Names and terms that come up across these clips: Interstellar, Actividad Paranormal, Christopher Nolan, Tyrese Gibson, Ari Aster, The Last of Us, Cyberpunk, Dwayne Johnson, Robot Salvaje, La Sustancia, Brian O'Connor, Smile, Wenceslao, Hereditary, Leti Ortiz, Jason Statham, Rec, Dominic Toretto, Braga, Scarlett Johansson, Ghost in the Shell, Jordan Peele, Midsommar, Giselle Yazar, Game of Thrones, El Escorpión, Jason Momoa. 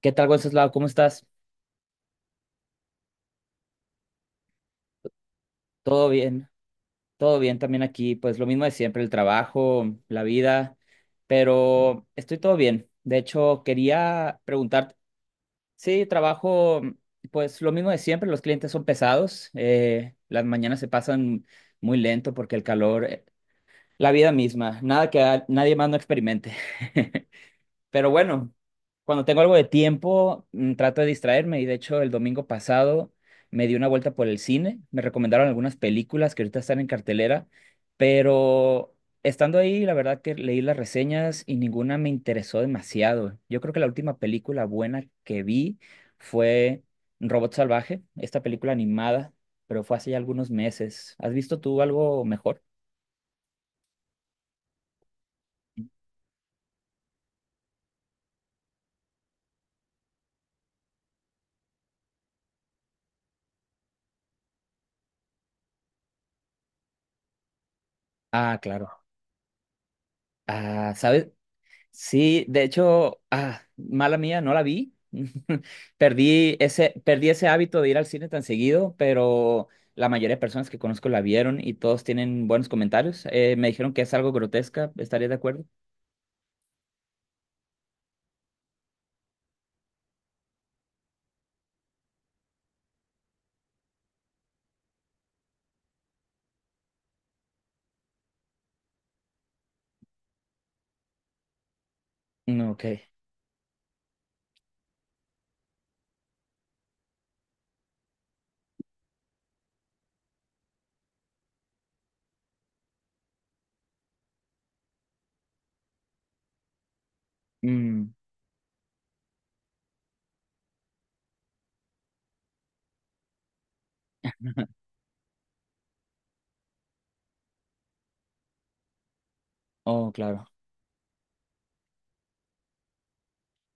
¿Qué tal, Wenceslao? ¿Cómo estás? Todo bien, todo bien también aquí. Pues lo mismo de siempre, el trabajo, la vida, pero estoy todo bien. De hecho, quería preguntarte, sí, trabajo, pues lo mismo de siempre, los clientes son pesados, las mañanas se pasan muy lento porque el calor, la vida misma, nada que nadie más no experimente. Pero bueno, cuando tengo algo de tiempo, trato de distraerme y de hecho el domingo pasado me di una vuelta por el cine, me recomendaron algunas películas que ahorita están en cartelera, pero estando ahí, la verdad que leí las reseñas y ninguna me interesó demasiado. Yo creo que la última película buena que vi fue Robot Salvaje, esta película animada, pero fue hace ya algunos meses. ¿Has visto tú algo mejor? Ah, claro. Ah, ¿sabes? Sí, de hecho, mala mía, no la vi. Perdí ese hábito de ir al cine tan seguido, pero la mayoría de personas que conozco la vieron y todos tienen buenos comentarios. Me dijeron que es algo grotesca, ¿estarías de acuerdo? Mm, ok. Mm, oh, claro.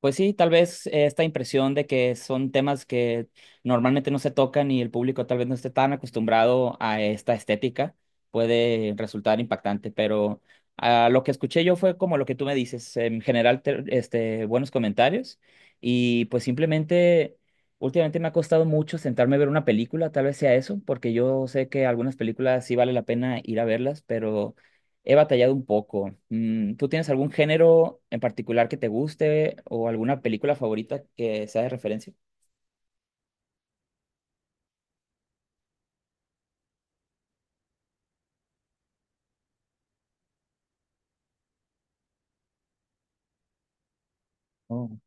Pues sí, tal vez esta impresión de que son temas que normalmente no se tocan y el público tal vez no esté tan acostumbrado a esta estética puede resultar impactante, pero lo que escuché yo fue como lo que tú me dices, en general este, buenos comentarios y pues simplemente últimamente me ha costado mucho sentarme a ver una película, tal vez sea eso, porque yo sé que algunas películas sí vale la pena ir a verlas, pero he batallado un poco. ¿Tú tienes algún género en particular que te guste o alguna película favorita que sea de referencia? Oh,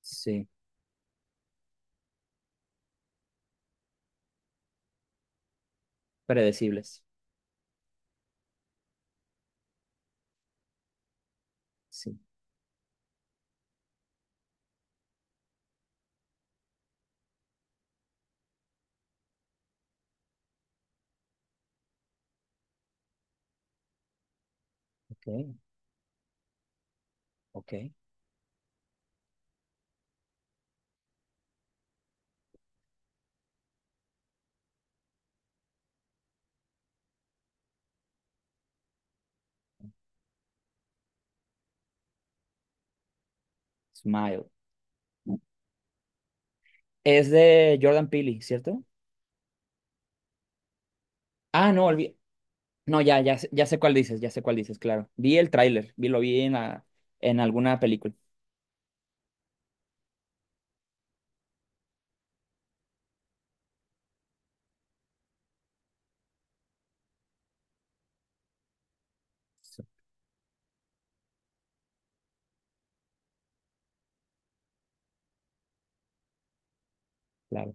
sí, predecibles. Sí, ok, ok. Smile. ¿Es de Jordan Peele, cierto? Ah, no, olvi- No, ya, ya, ya sé cuál dices, ya sé cuál dices, claro. Vi el tráiler, vi, lo vi en, en alguna película. Sí, claro.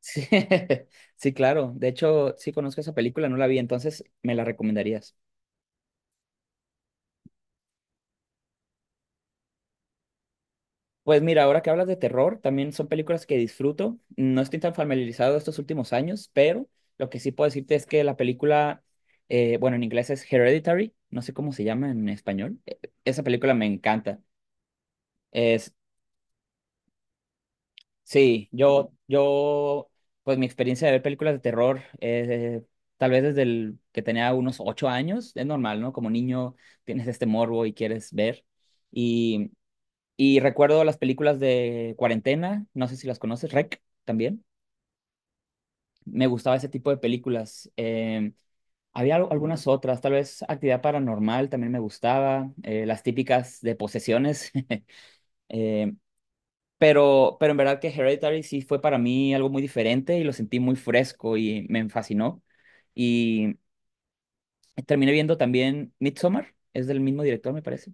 Sí, sí, claro. De hecho, sí conozco esa película, no la vi, entonces me la recomendarías. Pues mira, ahora que hablas de terror, también son películas que disfruto. No estoy tan familiarizado estos últimos años, pero lo que sí puedo decirte es que la película, bueno, en inglés es Hereditary, no sé cómo se llama en español. Esa película me encanta. Es, sí, pues mi experiencia de ver películas de terror, tal vez desde el que tenía unos 8 años, es normal, ¿no? Como niño tienes este morbo y quieres ver. Y Y recuerdo las películas de cuarentena, no sé si las conoces, Rec también. Me gustaba ese tipo de películas. Había algunas otras, tal vez Actividad Paranormal también me gustaba, las típicas de posesiones. Eh, pero en verdad que Hereditary sí fue para mí algo muy diferente y lo sentí muy fresco y me fascinó. Y terminé viendo también Midsommar, es del mismo director, me parece.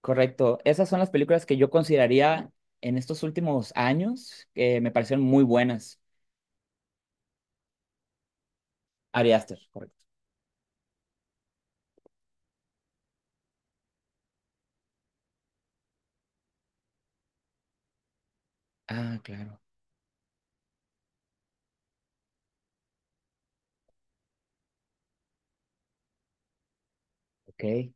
Correcto. Esas son las películas que yo consideraría en estos últimos años que me parecieron muy buenas. Ari Aster, correcto. Ah, claro. Ok.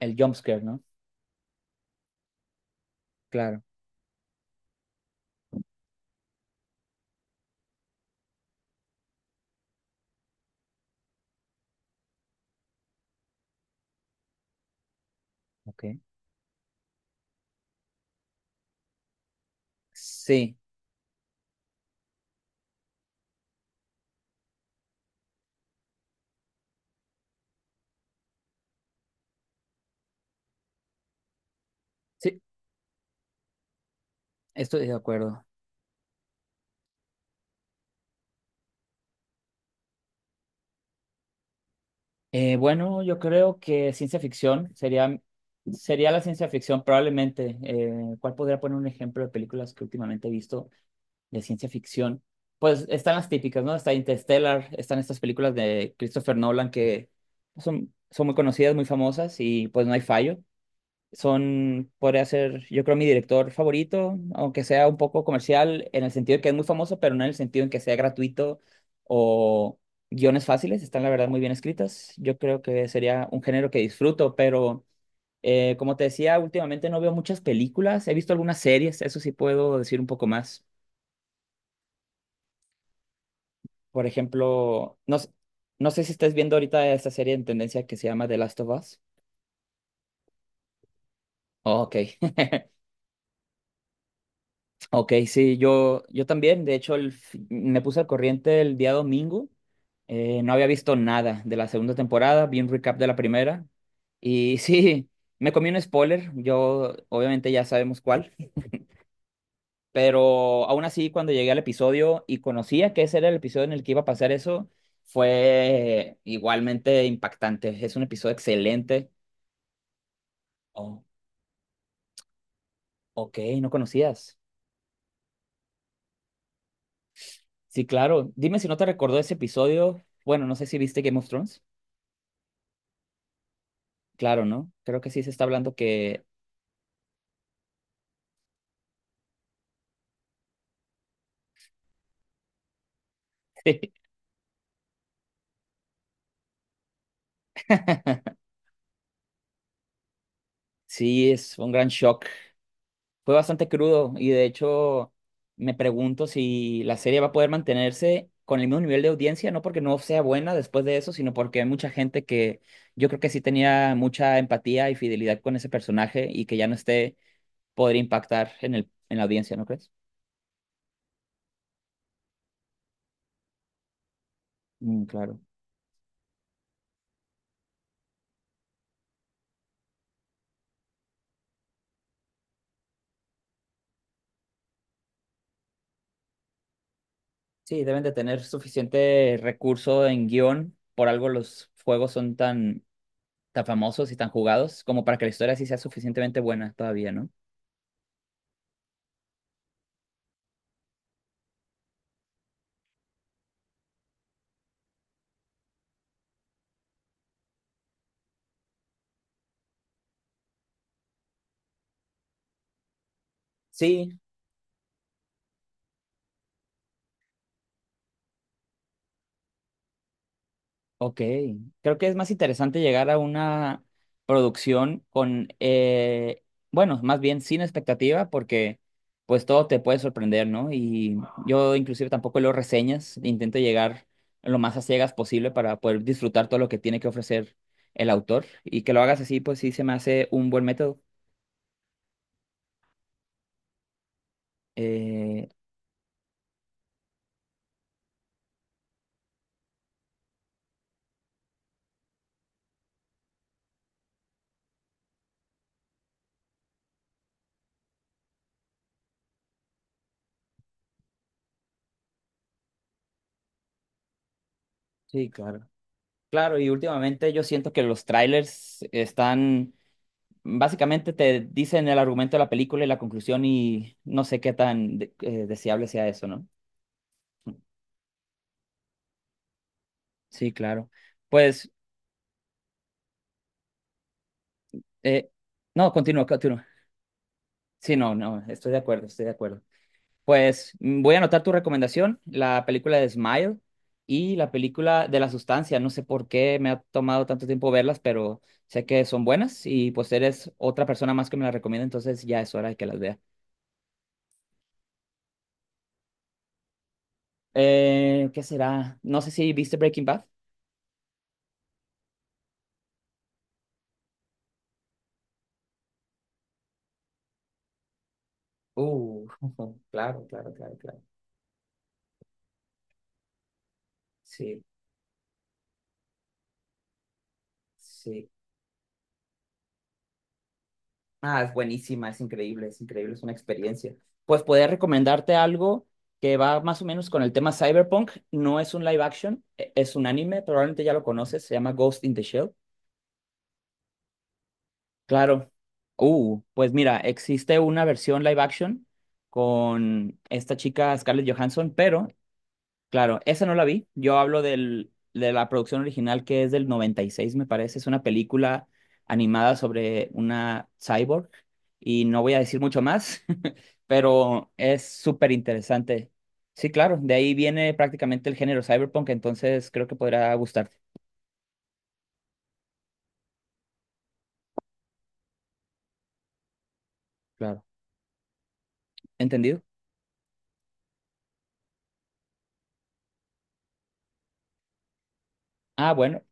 El jumpscare, ¿no? Claro. Ok. Sí, sí, estoy de acuerdo. Bueno, yo creo que ciencia ficción sería, sería la ciencia ficción probablemente. ¿Cuál podría poner un ejemplo de películas que últimamente he visto? De ciencia ficción, pues están las típicas, ¿no? Está Interstellar, están estas películas de Christopher Nolan que son, son muy conocidas, muy famosas y pues no hay fallo. Son, podría ser, yo creo, mi director favorito, aunque sea un poco comercial en el sentido de que es muy famoso, pero no en el sentido en que sea gratuito o guiones fáciles, están la verdad muy bien escritas. Yo creo que sería un género que disfruto, pero... como te decía, últimamente no veo muchas películas, he visto algunas series, eso sí puedo decir un poco más. Por ejemplo, no, no sé si estás viendo ahorita esta serie en tendencia que se llama The Last of Us. Oh, ok, ok, sí, yo también. De hecho, me puse al corriente el día domingo. No había visto nada de la segunda temporada, vi un recap de la primera. Y sí, me comí un spoiler, yo obviamente ya sabemos cuál, pero aún así cuando llegué al episodio y conocía que ese era el episodio en el que iba a pasar eso, fue igualmente impactante. Es un episodio excelente. Ok, no conocías. Sí, claro. Dime si no te recordó ese episodio. Bueno, no sé si viste Game of Thrones. Claro, ¿no? Creo que sí se está hablando que... Sí, es un gran shock. Fue bastante crudo y de hecho me pregunto si la serie va a poder mantenerse con el mismo nivel de audiencia, no porque no sea buena después de eso, sino porque hay mucha gente que yo creo que sí tenía mucha empatía y fidelidad con ese personaje y que ya no esté, podría impactar en el, en la audiencia, ¿no crees? Mm, claro. Sí, deben de tener suficiente recurso en guión. Por algo los juegos son tan, tan famosos y tan jugados como para que la historia sí sea suficientemente buena todavía, ¿no? Sí. Ok, creo que es más interesante llegar a una producción con, bueno, más bien sin expectativa, porque pues todo te puede sorprender, ¿no? Y yo inclusive tampoco leo reseñas, intento llegar lo más a ciegas posible para poder disfrutar todo lo que tiene que ofrecer el autor. Y que lo hagas así, pues sí se me hace un buen método. Eh, sí, claro. Claro, y últimamente yo siento que los trailers están básicamente te dicen el argumento de la película y la conclusión y no sé qué tan deseable sea eso, ¿no? Sí, claro. Pues, eh, no, continúa, continúa. Sí, no, no, estoy de acuerdo, estoy de acuerdo. Pues voy a anotar tu recomendación, la película de Smile y la película de La Sustancia. No sé por qué me ha tomado tanto tiempo verlas, pero sé que son buenas y pues eres otra persona más que me las recomienda, entonces ya es hora de que las vea. ¿Qué será? No sé si viste Breaking Bad. Uh, claro, claro, claro, claro. Sí, sí. Ah, es buenísima, es increíble, es increíble, es una experiencia. Pues podría recomendarte algo que va más o menos con el tema Cyberpunk. No es un live action, es un anime, probablemente ya lo conoces, se llama Ghost in the Shell. Claro. Pues mira, existe una versión live action con esta chica Scarlett Johansson, pero claro, esa no la vi. Yo hablo del, de la producción original que es del 96, me parece. Es una película animada sobre una cyborg y no voy a decir mucho más, pero es súper interesante. Sí, claro, de ahí viene prácticamente el género cyberpunk, entonces creo que podrá gustarte. Claro. ¿Entendido? Ah, bueno,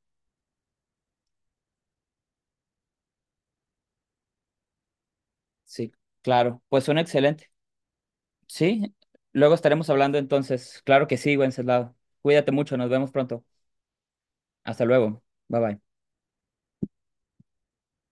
sí, claro. Pues suena excelente. Sí, luego estaremos hablando entonces. Claro que sí, Wenceslao. Cuídate mucho, nos vemos pronto. Hasta luego. Bye bye.